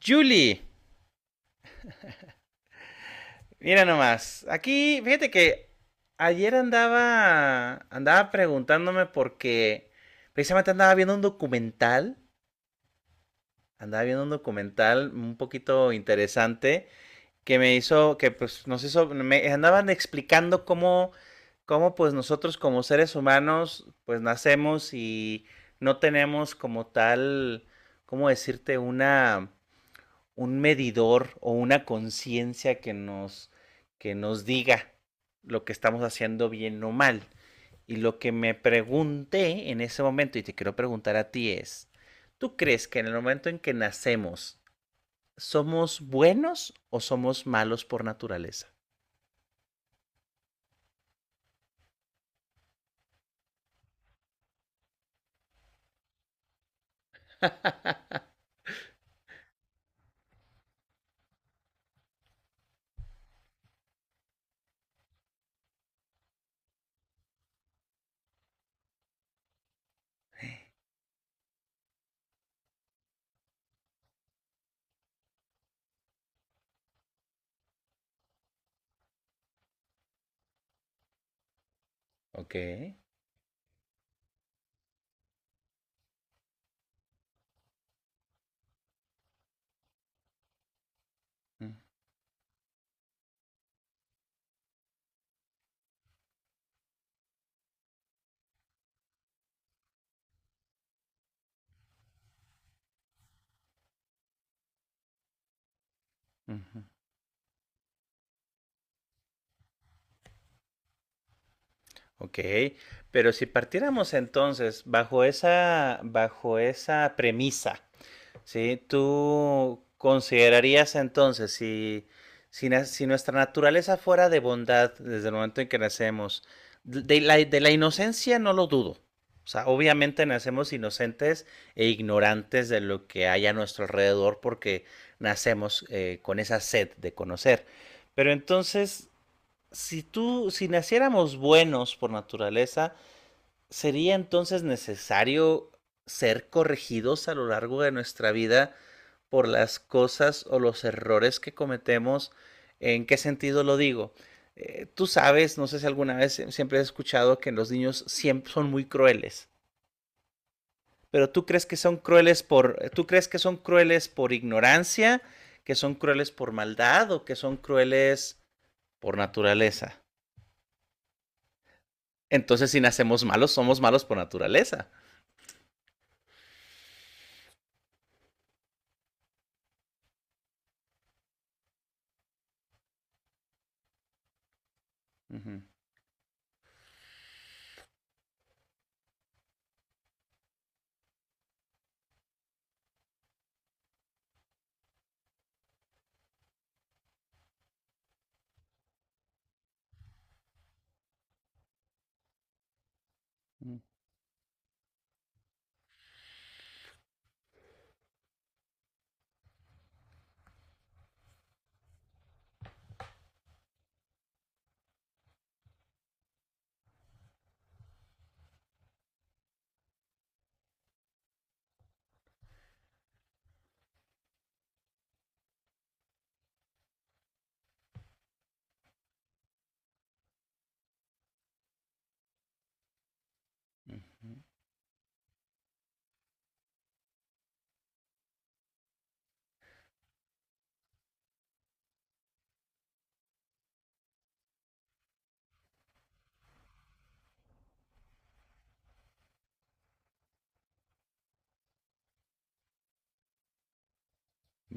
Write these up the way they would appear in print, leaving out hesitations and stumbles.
Julie, mira nomás. Aquí, fíjate que ayer andaba preguntándome porque precisamente andaba viendo un documental, andaba viendo un documental un poquito interesante que pues nos hizo, me andaban explicando cómo pues nosotros como seres humanos pues nacemos y no tenemos como tal, ¿cómo decirte? Una un medidor o una conciencia que nos diga lo que estamos haciendo bien o mal. Y lo que me pregunté en ese momento, y te quiero preguntar a ti, es, ¿tú crees que en el momento en que nacemos somos buenos o somos malos por naturaleza? Ok. Uh-huh. Ok, pero si partiéramos entonces bajo esa premisa. Sí, ¿tú considerarías entonces si nuestra naturaleza fuera de bondad desde el momento en que nacemos, de la inocencia no lo dudo. O sea, obviamente nacemos inocentes e ignorantes de lo que hay a nuestro alrededor porque nacemos con esa sed de conocer. Pero entonces, si tú, si naciéramos buenos por naturaleza, ¿sería entonces necesario ser corregidos a lo largo de nuestra vida, por las cosas o los errores que cometemos? ¿En qué sentido lo digo? Tú sabes, no sé si alguna vez siempre has escuchado que los niños siempre son muy crueles, pero tú crees que son crueles por, tú crees que son crueles por ignorancia, que son crueles por maldad o que son crueles por naturaleza. Entonces, si nacemos malos, somos malos por naturaleza. Ujú.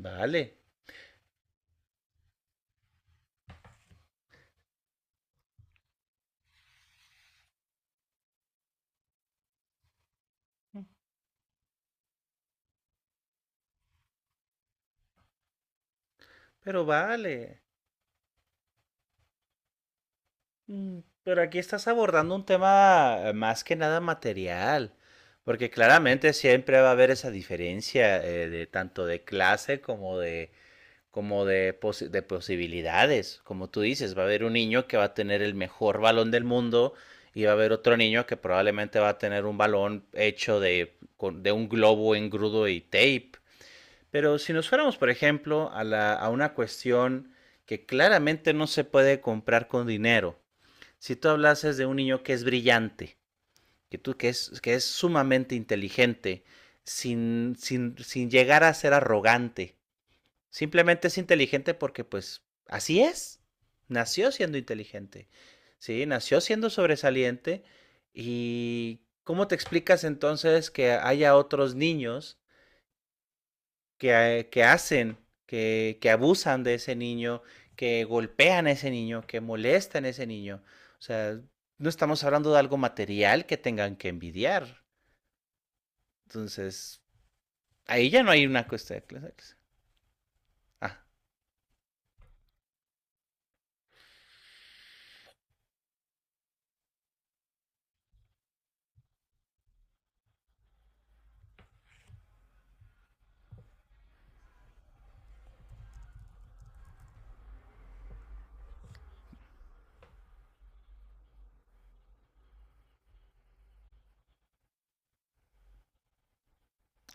Vale, pero vale. Mm, pero aquí estás abordando un tema más que nada material, porque claramente siempre va a haber esa diferencia de tanto de clase como de como de de posibilidades. Como tú dices, va a haber un niño que va a tener el mejor balón del mundo y va a haber otro niño que probablemente va a tener un balón hecho de un globo engrudo y tape. Pero si nos fuéramos, por ejemplo, a una cuestión que claramente no se puede comprar con dinero, si tú hablases de un niño que es brillante, que es sumamente inteligente, sin llegar a ser arrogante, simplemente es inteligente porque pues así es, nació siendo inteligente, ¿sí? Nació siendo sobresaliente, y ¿cómo te explicas entonces que haya otros niños que, que hacen, que abusan de ese niño, que golpean a ese niño, que molestan a ese niño? O sea, no estamos hablando de algo material que tengan que envidiar. Entonces, ahí ya no hay una cuestión de clase. Ah,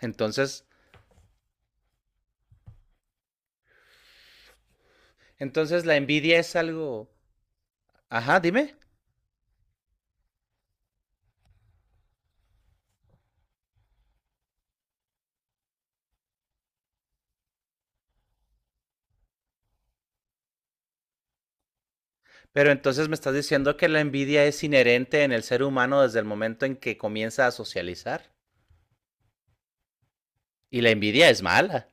entonces, entonces la envidia es algo. Ajá, dime. Pero entonces me estás diciendo que la envidia es inherente en el ser humano desde el momento en que comienza a socializar. Y la envidia es mala.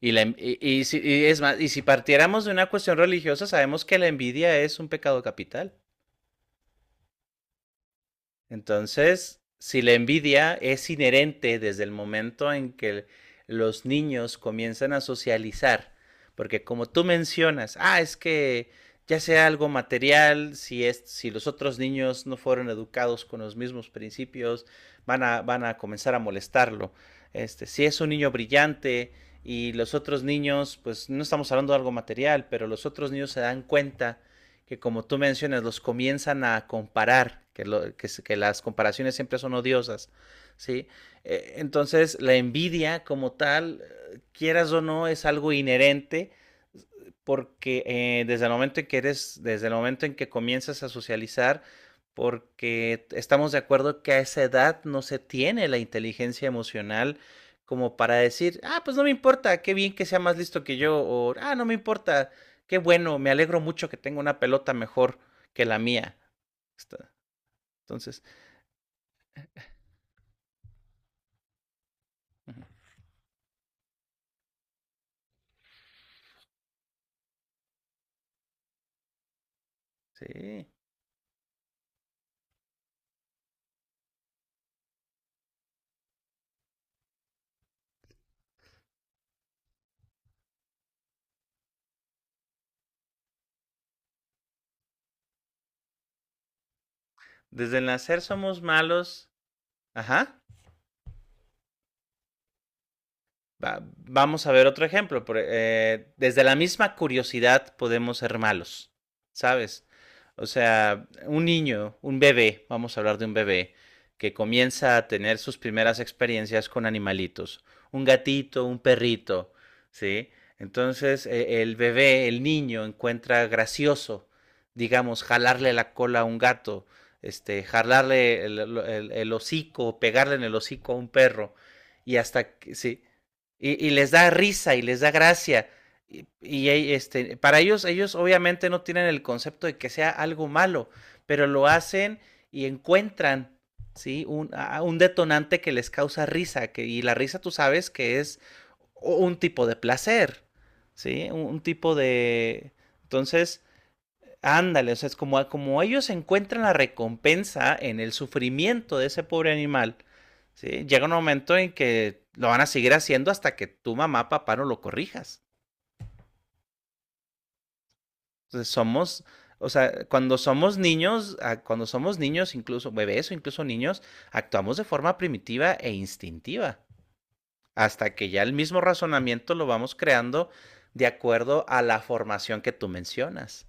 Y es más, y si partiéramos de una cuestión religiosa, sabemos que la envidia es un pecado capital. Entonces, si la envidia es inherente desde el momento en que los niños comienzan a socializar, porque como tú mencionas, ah, es que ya sea algo material, si los otros niños no fueron educados con los mismos principios, van a comenzar a molestarlo. Este, si es un niño brillante y los otros niños, pues no estamos hablando de algo material, pero los otros niños se dan cuenta que, como tú mencionas, los comienzan a comparar, que las comparaciones siempre son odiosas, ¿sí? Entonces, la envidia como tal, quieras o no, es algo inherente porque desde el momento en que eres, desde el momento en que comienzas a socializar, porque estamos de acuerdo que a esa edad no se tiene la inteligencia emocional como para decir, ah, pues no me importa, qué bien que sea más listo que yo, o ah, no me importa, qué bueno, me alegro mucho que tenga una pelota mejor que la mía. Está- entonces, sí, desde el nacer somos malos, ajá. Vamos a ver otro ejemplo. Desde la misma curiosidad podemos ser malos, ¿sabes? O sea, un niño, un bebé, vamos a hablar de un bebé, que comienza a tener sus primeras experiencias con animalitos, un gatito, un perrito, ¿sí? Entonces, el bebé, el niño, encuentra gracioso, digamos, jalarle la cola a un gato, este, jalarle el, el hocico, pegarle en el hocico a un perro, y hasta, sí, y les da risa y les da gracia. Y este, para ellos, ellos obviamente no tienen el concepto de que sea algo malo, pero lo hacen y encuentran, ¿sí? Un, un detonante que les causa risa, que, y la risa tú sabes que es un tipo de placer, ¿sí? Un tipo de... Entonces, ándale, o sea, es como, ah, como ellos encuentran la recompensa en el sufrimiento de ese pobre animal, ¿sí? Llega un momento en que lo van a seguir haciendo hasta que tu mamá, papá no lo corrijas. Entonces somos, o sea, cuando somos niños, cuando somos niños, incluso bebés o incluso niños, actuamos de forma primitiva e instintiva, hasta que ya el mismo razonamiento lo vamos creando de acuerdo a la formación que tú mencionas.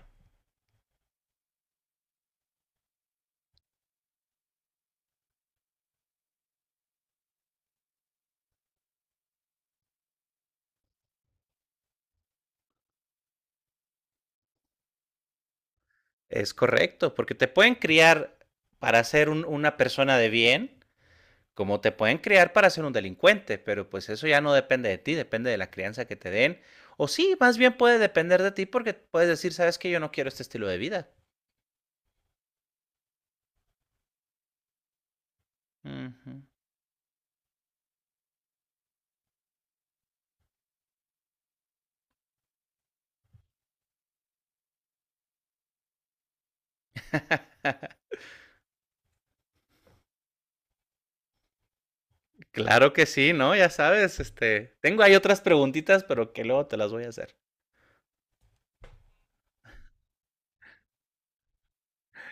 Es correcto, porque te pueden criar para ser una persona de bien, como te pueden criar para ser un delincuente, pero pues eso ya no depende de ti, depende de la crianza que te den. O sí, más bien puede depender de ti porque puedes decir, sabes que yo no quiero este estilo de vida. Ujú. Claro que sí, ¿no? Ya sabes, este, tengo ahí otras preguntitas, pero que luego te las voy a hacer.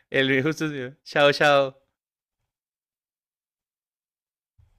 El viejo sucio. Chao, chao.